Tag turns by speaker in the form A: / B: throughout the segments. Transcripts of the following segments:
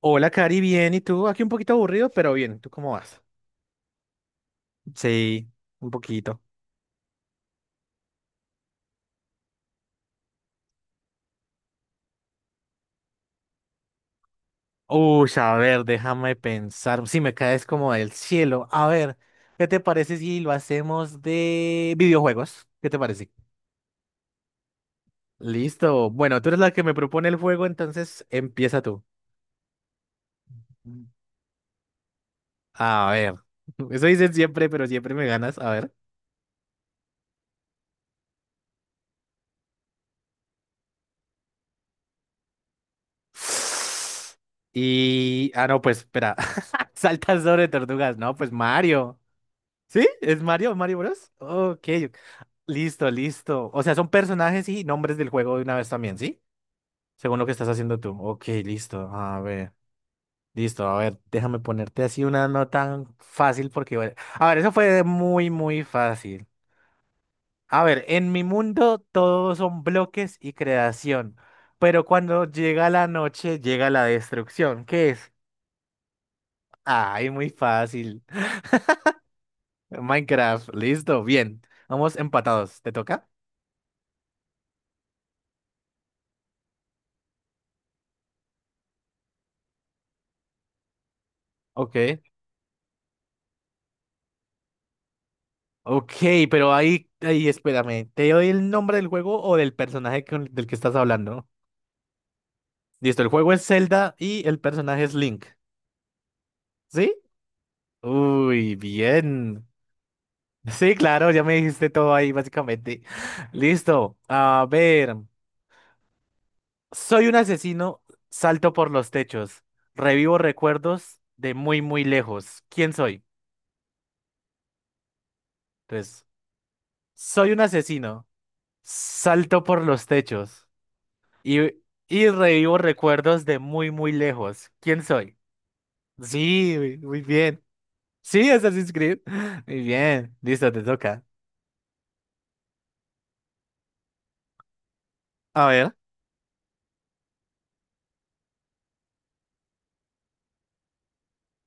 A: Hola, Cari, bien. ¿Y tú? Aquí un poquito aburrido, pero bien. ¿Tú cómo vas? Sí, un poquito. Uy, a ver, déjame pensar. Si me caes como del cielo. A ver, ¿qué te parece si lo hacemos de videojuegos? ¿Qué te parece? Listo. Bueno, tú eres la que me propone el juego, entonces empieza tú. Mm. A ver. Eso dicen siempre, pero siempre me ganas. A ver. Ah, no, pues espera. Saltas sobre tortugas. No, pues Mario. ¿Sí? ¿Es Mario? ¿Mario Bros? Ok, ok. Listo, listo. O sea, son personajes y nombres del juego de una vez también, ¿sí? Según lo que estás haciendo tú. Ok, listo. A ver, listo. A ver, déjame ponerte así una no tan fácil porque, bueno, a ver, eso fue muy, muy fácil. A ver, en mi mundo todos son bloques y creación, pero cuando llega la noche llega la destrucción. ¿Qué es? Ay, muy fácil. Minecraft, listo, bien. Vamos empatados. ¿Te toca? Ok. Ok, pero ahí, espérame, ¿te doy el nombre del juego o del personaje del que estás hablando? Listo, el juego es Zelda y el personaje es Link, ¿sí? Uy, bien. Sí, claro, ya me dijiste todo ahí, básicamente. Listo, a ver. Soy un asesino, salto por los techos, revivo recuerdos de muy, muy lejos. ¿Quién soy? Entonces, soy un asesino, salto por los techos. Y, y revivo recuerdos de muy, muy lejos. ¿Quién soy? Sí, muy muy bien. Sí, Assassin's Creed. Muy bien. Listo, te toca. A ver.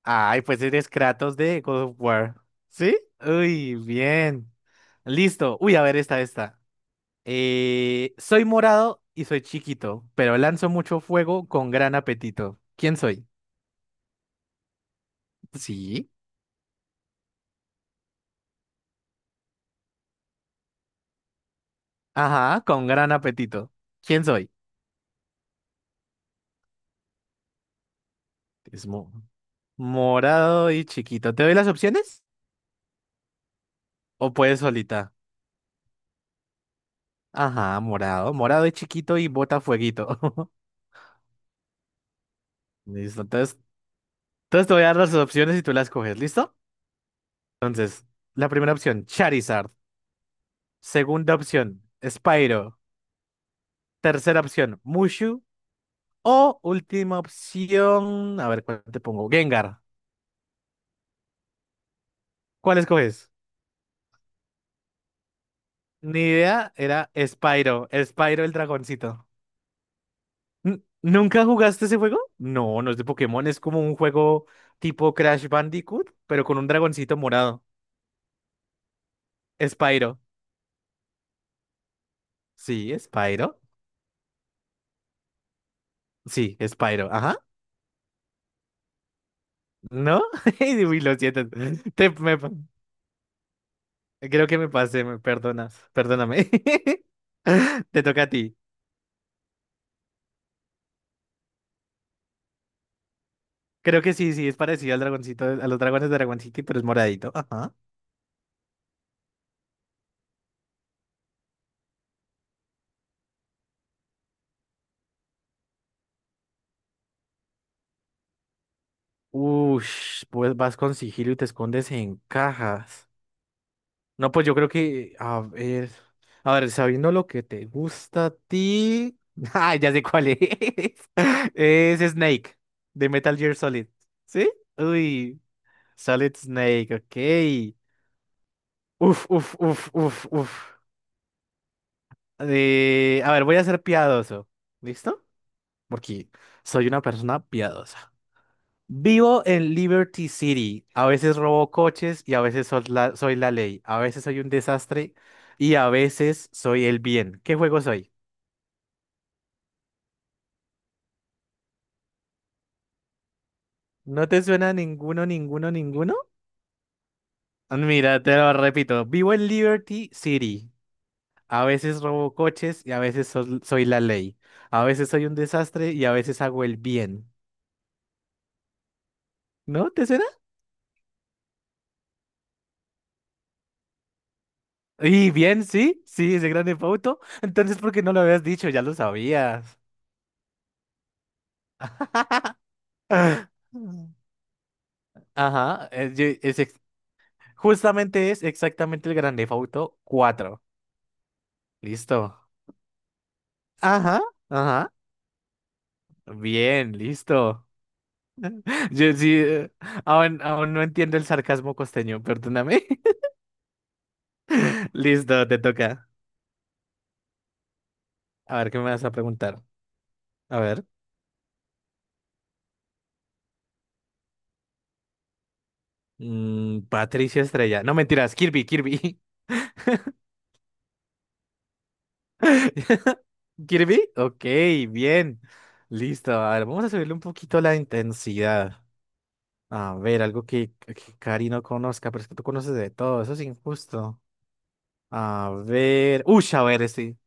A: Ay, pues eres Kratos de God of War. ¿Sí? Uy, bien. Listo. Uy, a ver, esta, esta. Soy morado y soy chiquito, pero lanzo mucho fuego con gran apetito. ¿Quién soy? Sí. Ajá, con gran apetito. ¿Quién soy? Es mo- morado y chiquito. ¿Te doy las opciones? O puedes solita. Ajá, morado. Morado es chiquito y bota fueguito. Listo. Entonces, te voy a dar las opciones y tú las coges. ¿Listo? Entonces, la primera opción, Charizard. Segunda opción, Spyro. Tercera opción, Mushu. O última opción, a ver cuál te pongo, Gengar. ¿Cuál escoges? Ni idea, era Spyro. Spyro el dragoncito. ¿Nunca jugaste ese juego? No, no es de Pokémon, es como un juego tipo Crash Bandicoot, pero con un dragoncito morado. Spyro. Sí, Spyro. Sí, Spyro. Ajá. ¿No? Uy, lo siento. Te- me- creo que me pasé, me perdonas. Perdóname. Te toca a ti. Creo que sí, sí, es parecido al dragoncito, a los dragones de Dragon City, pero es moradito. Ajá. Ush, pues vas con sigilo y te escondes en cajas. No, pues yo creo que, a ver, sabiendo lo que te gusta a ti. Ah, ya sé cuál es. Es Snake, de Metal Gear Solid. ¿Sí? Uy, Solid Snake, ok. Uf, uf, uf, uf, uf. A ver, voy a ser piadoso. ¿Listo? Porque soy una persona piadosa. Vivo en Liberty City. A veces robo coches y a veces soy la ley. A veces soy un desastre y a veces soy el bien. ¿Qué juego soy? ¿No te suena ninguno, ninguno, ninguno? Mira, te lo repito. Vivo en Liberty City. A veces robo coches y a veces soy la ley. A veces soy un desastre y a veces hago el bien. ¿No te suena? Y bien, sí, sí, ese grande Theft Auto. Entonces, ¿por qué no lo habías dicho? Ya lo sabías. Ajá, es, yo- es ex- justamente es exactamente el Grand Theft Auto 4. Listo. Ajá, ajá. Bien, listo. Yo sí, aún no entiendo el sarcasmo costeño, perdóname. Listo, te toca. A ver, ¿qué me vas a preguntar? A ver. Patricia Estrella. No mentiras, Kirby, Kirby. ¿Kirby? Ok, bien. Listo. A ver, vamos a subirle un poquito la intensidad. A ver, algo que Cari no conozca, pero es que tú conoces de todo, eso es injusto. A ver, uy, a ver, sí.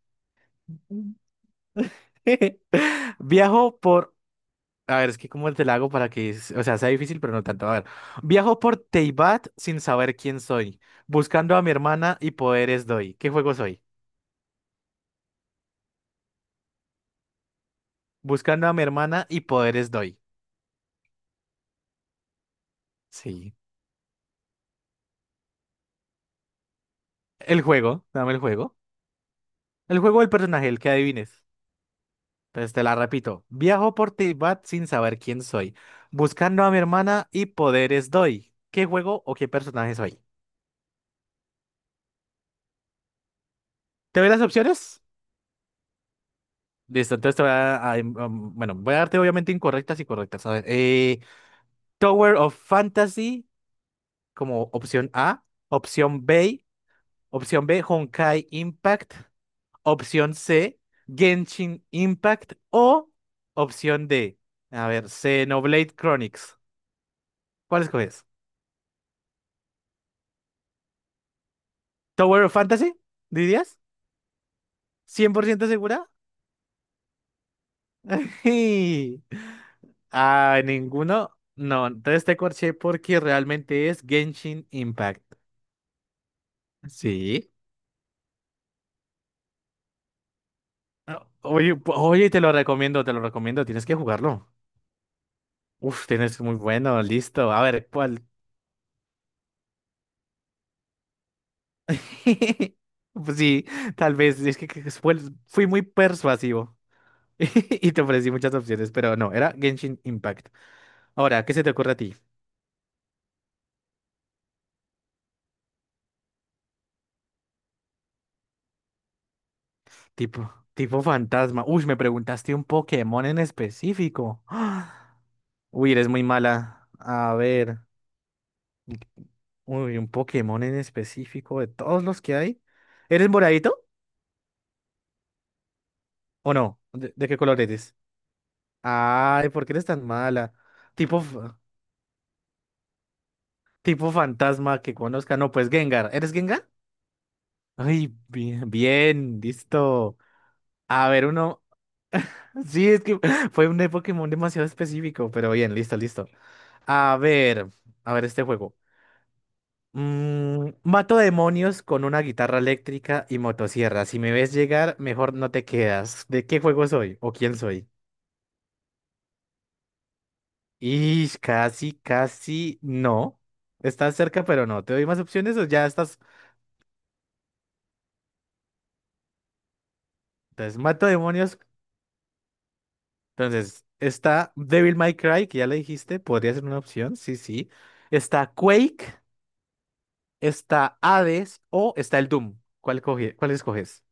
A: Viajo por, a ver, es que cómo te la hago para que, o sea, sea difícil, pero no tanto. A ver, viajo por Teibat sin saber quién soy, buscando a mi hermana y poderes doy. ¿Qué juego soy? Buscando a mi hermana y poderes doy. Sí. El juego, dame el juego. El juego del personaje, el que adivines. Entonces te la repito. Viajo por Tibat sin saber quién soy. Buscando a mi hermana y poderes doy. ¿Qué juego o qué personaje soy? ¿Te doy las opciones? Listo, entonces te voy a- em, um, bueno, voy a darte obviamente incorrectas y correctas. A ver, Tower of Fantasy como opción A, opción B, Honkai Impact, opción C, Genshin Impact o opción D, a ver, Xenoblade Chronicles. ¿Cuál escoges? ¿Tower of Fantasy? ¿Dirías? ¿Cien por ciento segura? Ah, ninguno. No, entonces te corché porque realmente es Genshin Impact. Sí. Ah, oye, oye, te lo recomiendo, tienes que jugarlo. Uf, tienes muy bueno, listo. A ver, ¿cuál? Pues sí, tal vez, es que fue- fui muy persuasivo. Y te ofrecí muchas opciones, pero no, era Genshin Impact. Ahora, ¿qué se te ocurre a ti? Tipo fantasma. Uy, me preguntaste un Pokémon en específico. Uy, eres muy mala. A ver, uy, un Pokémon en específico de todos los que hay. ¿Eres moradito o no? ¿De qué color eres? Ay, ¿por qué eres tan mala? Tipo, fa- tipo fantasma que conozca. No, pues Gengar. ¿Eres Gengar? Ay, bien, bien, listo. A ver, uno. Sí, es que fue un de Pokémon demasiado específico, pero bien, listo, listo. A ver, a ver este juego. Mm, mato demonios con una guitarra eléctrica y motosierra. Si me ves llegar, mejor no te quedas. ¿De qué juego soy o quién soy? Y casi, casi no. Estás cerca, pero no. ¿Te doy más opciones o ya estás? Entonces, mato demonios. Entonces, está Devil May Cry, que ya le dijiste, podría ser una opción. Sí, sí. Está Quake, está Hades o está el Doom. ¿Cuál escoges?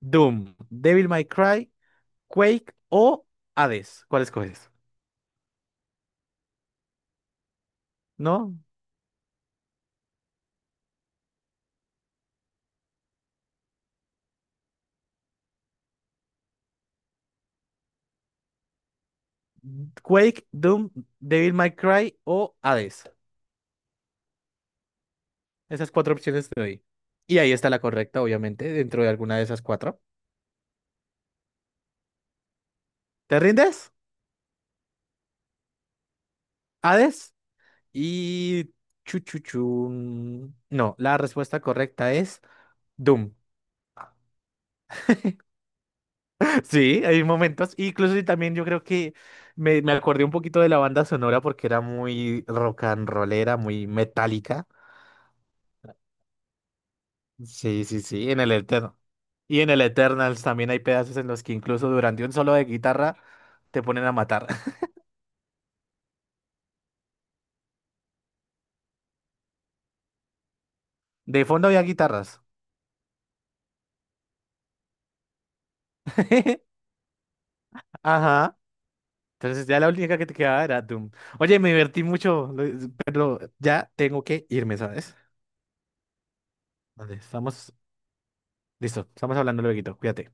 A: Doom, Devil May Cry, Quake o Hades. ¿Cuál escoges? ¿No? Quake, Doom, Devil May Cry o Hades. Esas cuatro opciones te doy. Y ahí está la correcta, obviamente, dentro de alguna de esas cuatro. ¿Te rindes? Hades y chuchuchun. No, la respuesta correcta es Doom. Sí, hay momentos. Incluso y también yo creo que me acordé un poquito de la banda sonora porque era muy rock and rollera, muy metálica. Sí, sí, sí, en el Eterno. Y en el Eternals también hay pedazos en los que incluso durante un solo de guitarra te ponen a matar. De fondo había guitarras. Ajá. Entonces ya la única que te quedaba era Doom. Oye, me divertí mucho, pero ya tengo que irme, ¿sabes? Vale, estamos... Listo, estamos hablando luego, cuídate.